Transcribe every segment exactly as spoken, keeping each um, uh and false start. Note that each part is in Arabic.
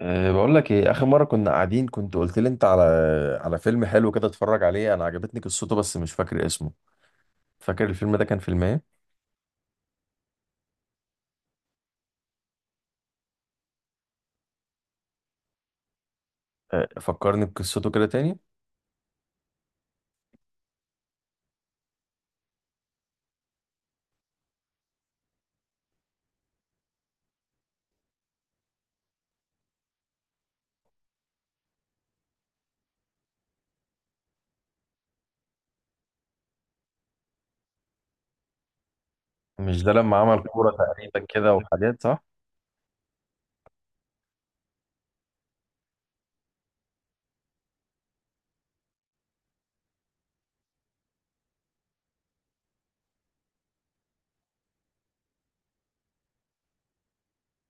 أه بقول لك ايه، اخر مره كنا قاعدين كنت قلت لي انت على على فيلم حلو كده اتفرج عليه. انا عجبتني قصته بس مش فاكر اسمه. فاكر الفيلم ده كان فيلم ايه؟ أه فكرني بقصته كده تاني. مش ده لما عمل كوره تقريبا كده وحاجات، صح؟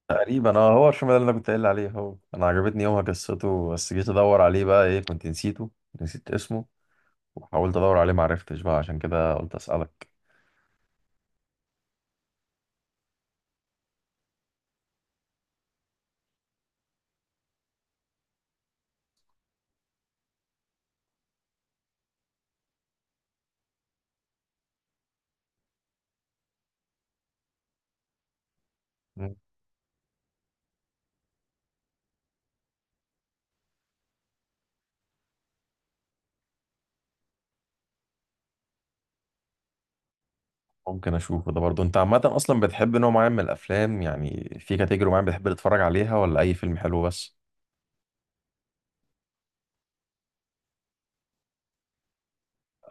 تقريبا، اه هو الفيلم ده اللي انا كنت قايل عليه. هو انا عجبتني يومها قصته بس جيت ادور عليه بقى ايه، كنت نسيته، نسيت اسمه. وحاولت ادور عليه معرفتش بقى، عشان كده قلت اسالك. ممكن اشوفه ده برضه. انت عامه اصلا بتحب نوع معين من الافلام؟ يعني في كاتيجوري معين بتحب تتفرج عليها ولا اي فيلم حلو بس؟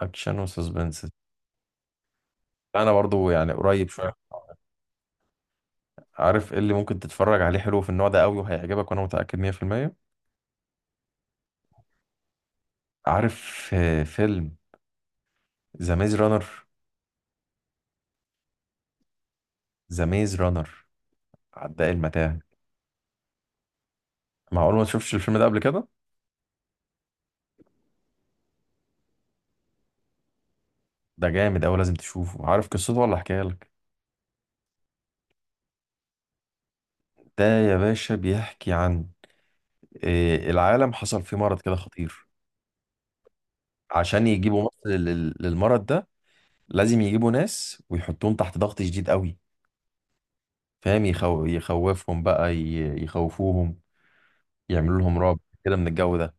اكشن وسسبنس. انا برضه يعني قريب شويه. عارف ايه اللي ممكن تتفرج عليه حلو في النوع ده قوي وهيعجبك وانا متاكد مية في المية؟ عارف آه، فيلم ذا ميز رانر؟ ذا ميز رانر، عداء المتاهه. معقول ما تشوفش الفيلم ده قبل كده؟ ده جامد قوي لازم تشوفه. عارف قصته ولا احكيها لك؟ ده يا باشا بيحكي عن آه، العالم حصل فيه مرض كده خطير. عشان يجيبوا مصل لل- للمرض ده لازم يجيبوا ناس ويحطوهم تحت ضغط شديد قوي، فاهم؟ يخو... يخوفهم بقى، ي... يخوفوهم، يعملوا لهم رعب كده من الجو ده.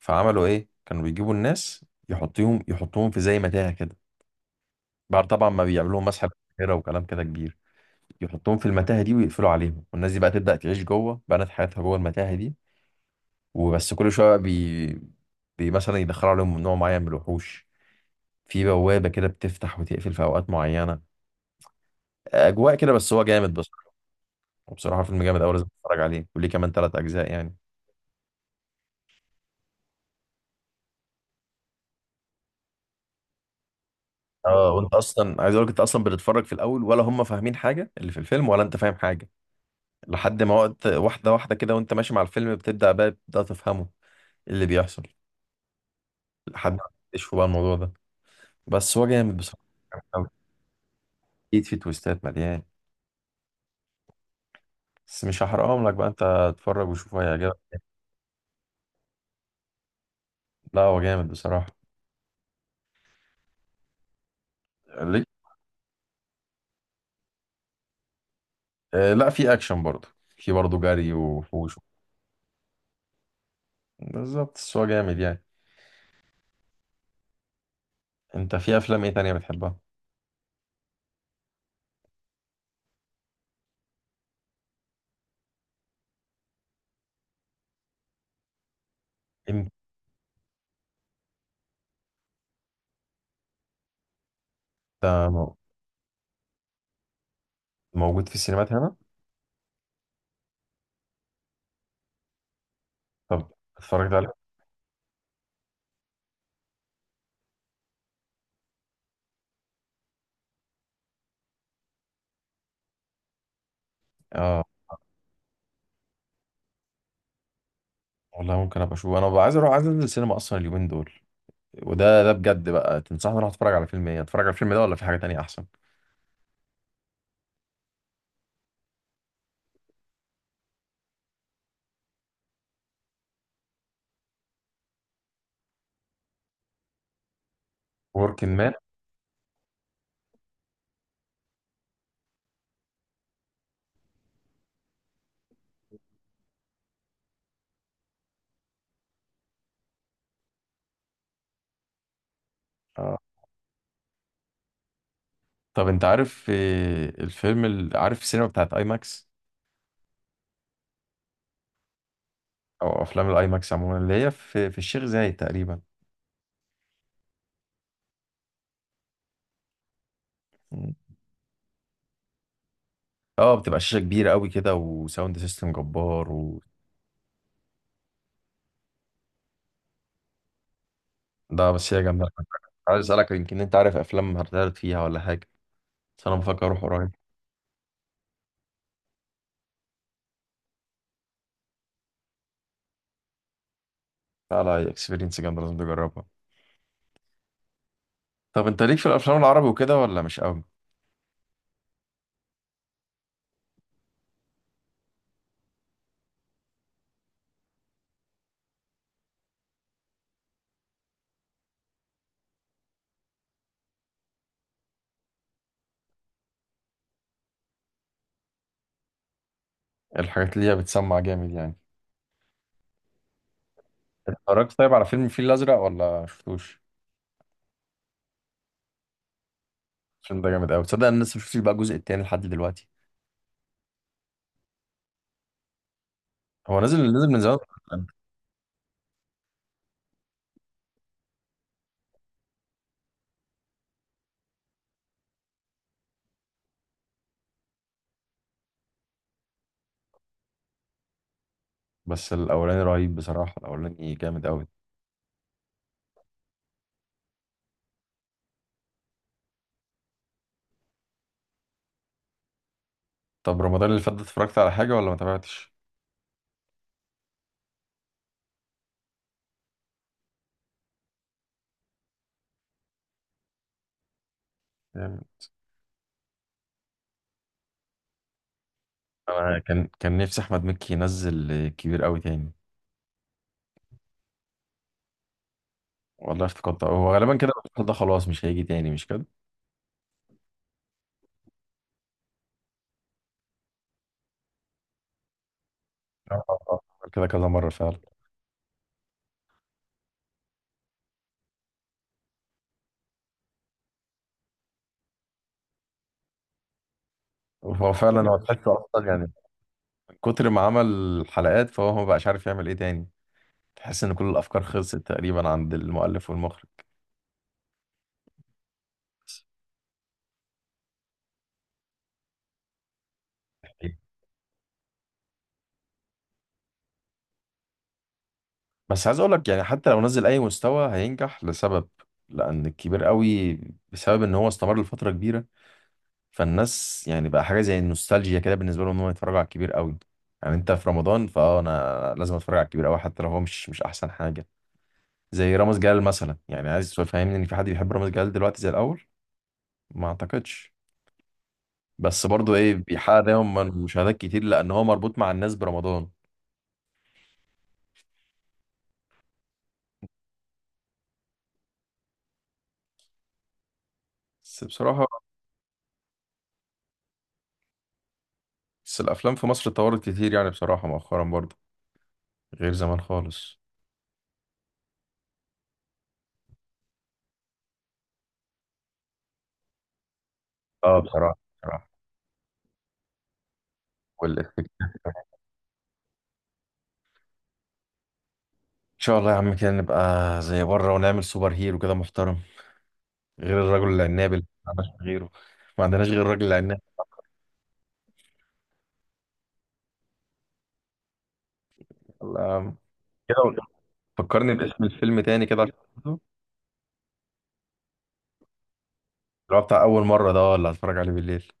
فعملوا ايه، كانوا بيجيبوا الناس يحطوهم يحطوهم في زي متاهة كده، بعد طبعا ما بيعملوا لهم مسح بحيرة وكلام كده كبير. يحطوهم في المتاهة دي ويقفلوا عليهم، والناس دي بقى تبدأ تعيش جوه، بنت حياتها جوه المتاهة دي. وبس كل شوية بقى بي... بي مثلا يدخلوا عليهم نوع معين من الوحوش، في بوابة كده بتفتح وتقفل في أوقات معينة. أجواء كده، بس هو جامد بس. وبصراحه فيلم جامد قوي لازم تتفرج عليه، وليه كمان ثلاث اجزاء يعني. اه وانت اصلا، عايز اقول لك، انت اصلا بتتفرج في الاول ولا هم فاهمين حاجه اللي في الفيلم، ولا انت فاهم حاجه لحد ما وقت واحده واحده كده وانت ماشي مع الفيلم بتبدا بقى بتبدا تفهمه. إيه اللي بيحصل لحد ما تكتشفوا بقى الموضوع ده. بس هو جامد بصراحه. اكيد في تويستات مليان، بس مش هحرقهم لك بقى، انت اتفرج وشوف هيعجبك. لا هو جامد بصراحه. ليه؟ آه لا، في اكشن برضه. في برضه جري وحوش. بالظبط، بس هو جامد يعني. انت في افلام ايه تانية بتحبها؟ ده م- موجود في السينمات هنا؟ طب اتفرجت عليه؟ اه، والله ممكن ابقى اشوفه. انا ببقى عايز اروح، عايز انزل السينما اصلا اليومين دول. وده ده بجد بقى تنصحني اروح اتفرج على فيلم ايه، اتفرج على الفيلم ده ولا في حاجه تانية احسن؟ وركن مان، اه. طب انت عارف آه، الفيلم ال- عارف السينما بتاعت اي ماكس؟ او افلام الاي ماكس عموما اللي هي في في الشيخ زايد تقريبا. مم. اه بتبقى شاشه كبيره قوي كده، وساوند سيستم جبار. وده بس هي جامده. عايز اسالك، يمكن انت عارف افلام هتعرض فيها ولا حاجه، بس انا بفكر اروح قريب. لا لا، اكسبيرينس جامدة لازم تجربها. طب انت ليك في الافلام العربي وكده ولا مش قوي؟ الحاجات اللي هي بتسمع جامد يعني. اتفرجت طيب على فيلم الفيل الازرق ولا شفتوش؟ الفيلم ده جامد قوي، تصدق انا لسه مشفتش بقى الجزء التاني لحد دلوقتي. هو نزل نزل من زمان. بس الاولاني رهيب بصراحة، الاولاني جامد قوي. طب رمضان اللي فات ده اتفرجت على حاجة ولا ما تابعتش؟ يعني انا كان كان نفسي احمد مكي ينزل كبير قوي تاني. والله افتكرت هو غالبا كده المسلسل ده خلاص مش هيجي تاني، مش كده؟ آه، آه، آه. كده كذا مرة فعلا. هو فعلا هو تحسه اصلا يعني من كتر ما عمل حلقات فهو ما بقاش عارف يعمل ايه تاني. تحس ان كل الافكار خلصت تقريبا عند المؤلف والمخرج. بس عايز اقول لك يعني حتى لو نزل اي مستوى هينجح لسبب، لان الكبير قوي بسبب ان هو استمر لفتره كبيره، فالناس يعني بقى حاجه زي النوستالجيا كده بالنسبه لهم ان هم يتفرجوا على الكبير قوي. يعني انت في رمضان، فاه انا لازم اتفرج على الكبير قوي حتى لو هو مش مش احسن حاجه. زي رامز جلال مثلا، يعني عايز تفهمني ان في حد بيحب رامز جلال دلوقتي زي الاول؟ ما اعتقدش. بس برضو ايه، بيحقق دايما مشاهدات كتير لان هو مربوط مع الناس برمضان. بس بصراحة، بس الافلام في مصر اتطورت كتير يعني بصراحة مؤخرا برضو، غير زمان خالص. اه، بصراحة بصراحة. والإفكت ان شاء الله يا عم كده نبقى زي بره ونعمل سوبر هيرو كده محترم، غير الرجل العناب اللي ما عندناش غيره. ما عندناش غير الرجل العناب. الله. كده فكرني باسم الفيلم تاني كده عشان أحفظه. اللي هو بتاع اول مرة ده اللي هتفرج عليه بالليل.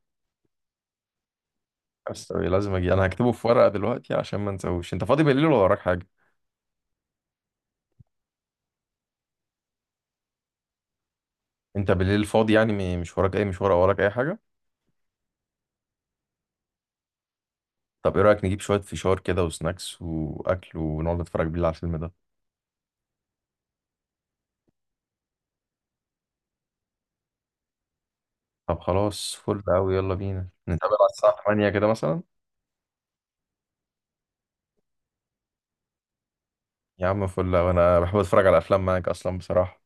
بس لازم اجي، انا هكتبه في ورقة دلوقتي عشان ما انساهوش. انت فاضي بالليل ولا وراك حاجة؟ انت بالليل فاضي يعني م- مش وراك اي مشوار او وراك اي حاجه؟ طب ايه رايك نجيب شويه فشار كده وسناكس واكل ونقعد نتفرج بالليل على الفيلم ده؟ طب خلاص فل قوي، يلا بينا نتقابل على الساعه الثامنة كده مثلا. يا عم فل، وانا بحب اتفرج على افلام معاك اصلا بصراحه.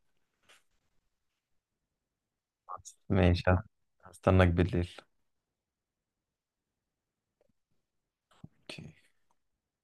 ماشي، هستناك بالليل. اوكي.